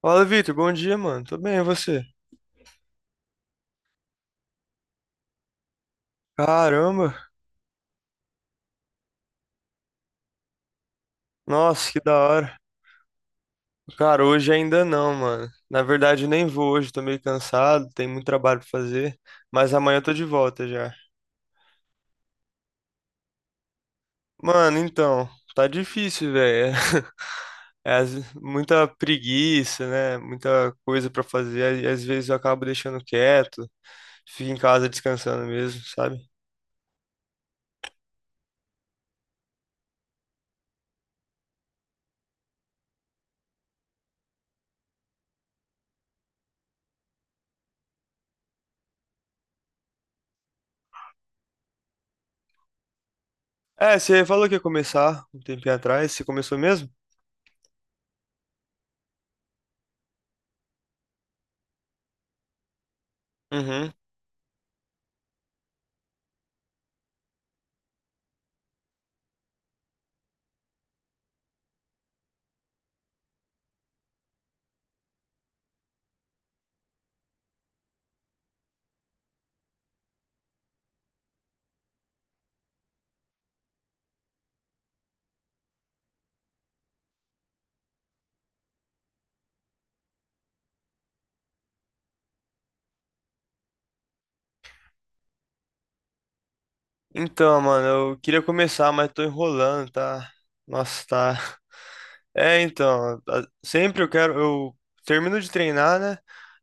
Fala, Vitor. Bom dia, mano. Tô bem, e você? Caramba. Nossa, que da hora. Cara, hoje ainda não, mano. Na verdade, nem vou hoje. Tô meio cansado, tem muito trabalho pra fazer. Mas amanhã eu tô de volta já. Mano, então, tá difícil, velho. É, muita preguiça, né? Muita coisa pra fazer. E às vezes eu acabo deixando quieto. Fico em casa descansando mesmo, sabe? É, você falou que ia começar um tempinho atrás. Você começou mesmo? Uhum. Então, mano, eu queria começar, mas tô enrolando, tá? Nossa, tá. É, então, sempre eu quero, eu termino de treinar, né?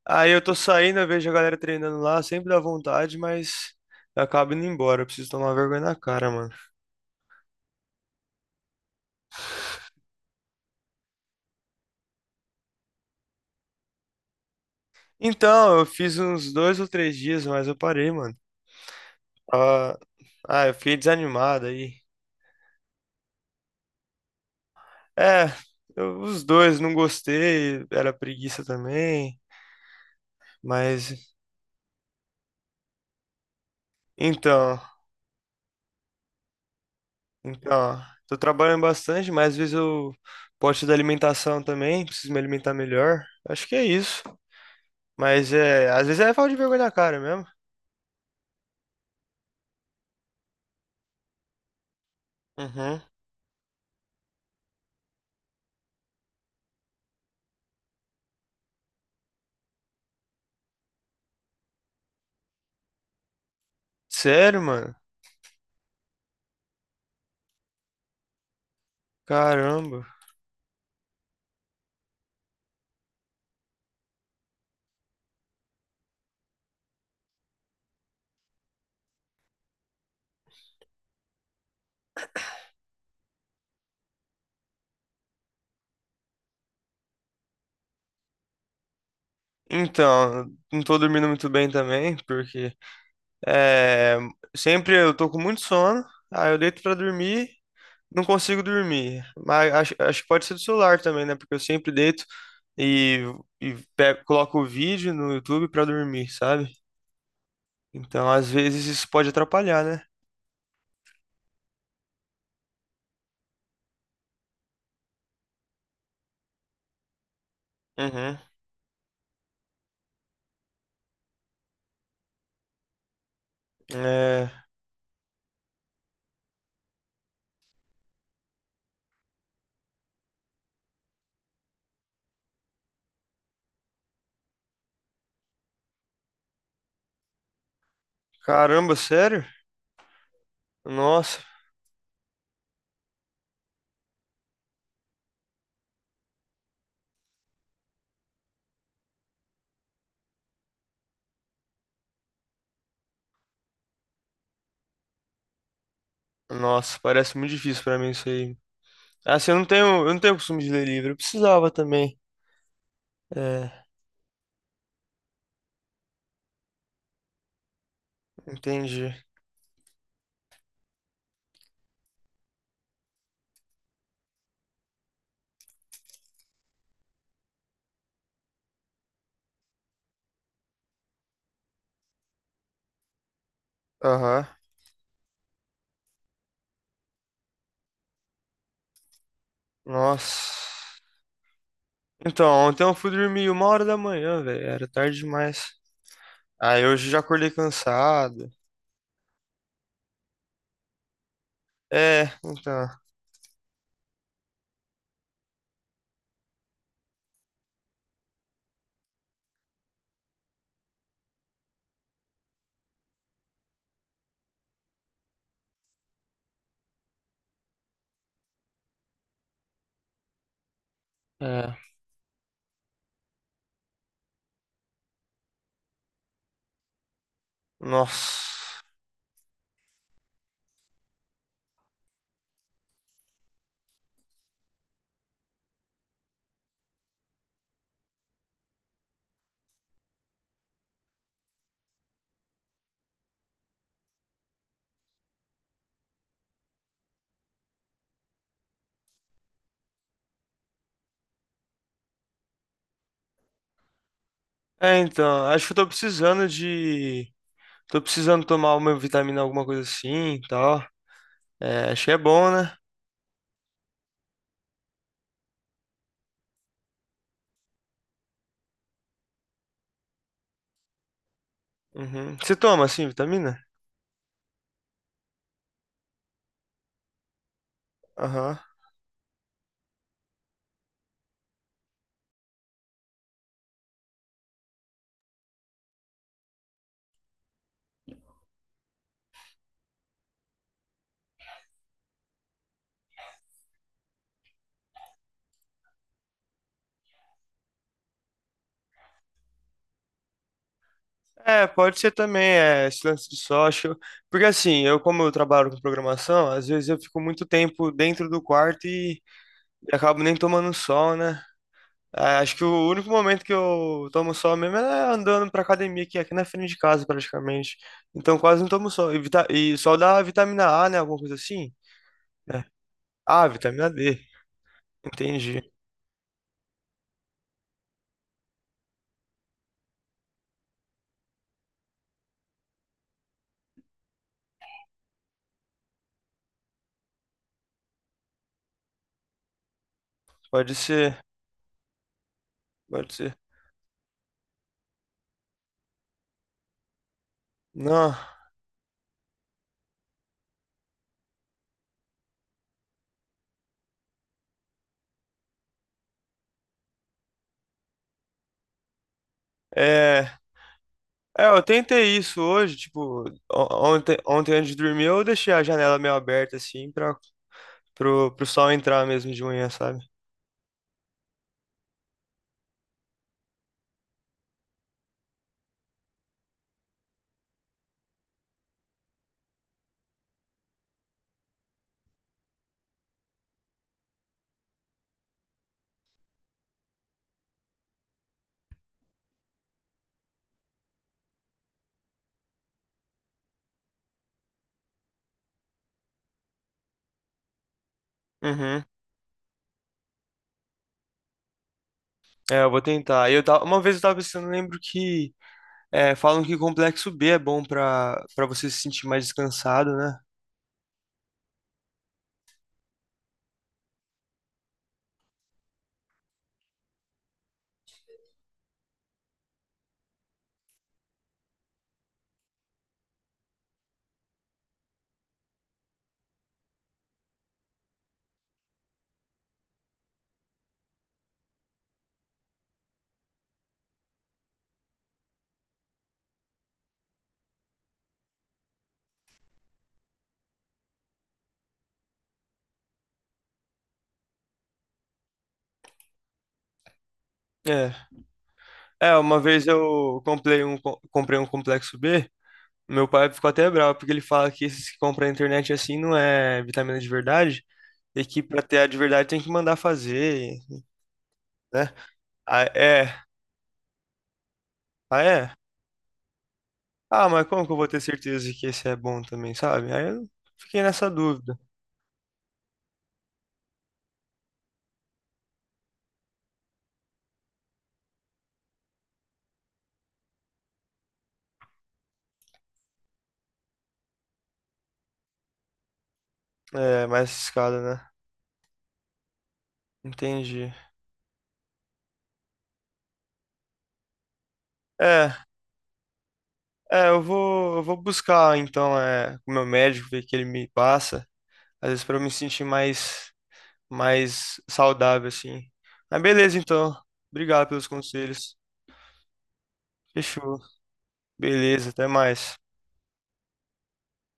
Aí eu tô saindo, eu vejo a galera treinando lá, sempre dá vontade, mas eu acabo indo embora, eu preciso tomar vergonha na cara, mano. Então, eu fiz uns dois ou três dias, mas eu parei, mano. Ah, ah, eu fiquei desanimado aí. É, eu- os dois, não gostei, era preguiça também, mas então. Então, tô trabalhando bastante, mas às vezes eu posto da alimentação também, preciso me alimentar melhor. Acho que é isso. Mas é, às vezes é falta de vergonha na cara mesmo. Uhum. Sério, mano? Caramba. Então, não tô dormindo muito bem também, porque é, sempre eu tô com muito sono, aí eu deito pra dormir, não consigo dormir. Mas acho que pode ser do celular também, né? Porque eu sempre deito e, e coloco o vídeo no YouTube pra dormir, sabe? Então, às vezes isso pode atrapalhar, né? Uhum. É, caramba, sério? Nossa, nossa, parece muito difícil pra mim isso aí. Assim, eu não tenho costume de ler livro, eu precisava também. É, entendi. Aham. Nossa. Então, ontem eu fui dormir 1 hora da manhã, velho, era tarde demais. Aí hoje eu já acordei cansado. É, então. É. Nossa. É, então, acho que eu tô precisando de. Tô precisando tomar uma vitamina, alguma coisa assim, e tal. É, acho que é bom, né? Uhum. Você toma, assim, vitamina? Aham. É, pode ser também, é, esse lance de sol, porque assim, eu trabalho com programação, às vezes eu fico muito tempo dentro do quarto e acabo nem tomando sol, né? É, acho que o único momento que eu tomo sol mesmo é andando pra academia, que é aqui na frente de casa, praticamente. Então quase não tomo sol. E, vita... e sol dá vitamina A, né? Alguma coisa assim? Né? Ah, vitamina D. Entendi. Pode ser. Pode ser. Não, é. É, eu tentei isso hoje, tipo, ontem, ontem antes de dormir eu deixei a janela meio aberta, assim, pro sol entrar mesmo de manhã, sabe? Uhum. É, eu vou tentar. Uma vez eu tava pensando, eu lembro que é, falam que complexo B é bom pra você se sentir mais descansado, né? É. É, uma vez eu comprei um, comprei um complexo B, meu pai ficou até bravo, porque ele fala que esses que compram na internet assim não é vitamina de verdade. E que pra ter a de verdade tem que mandar fazer, né? Ah, é. Ah, é? Ah, mas como que eu vou ter certeza que esse é bom também, sabe? Aí eu fiquei nessa dúvida. É, mais escada, né? Entendi. É, eu vou buscar então é, com o meu médico, ver o que ele me passa. Às vezes pra eu me sentir mais, mais saudável, assim. Mas beleza, então. Obrigado pelos conselhos. Fechou. Beleza, até mais.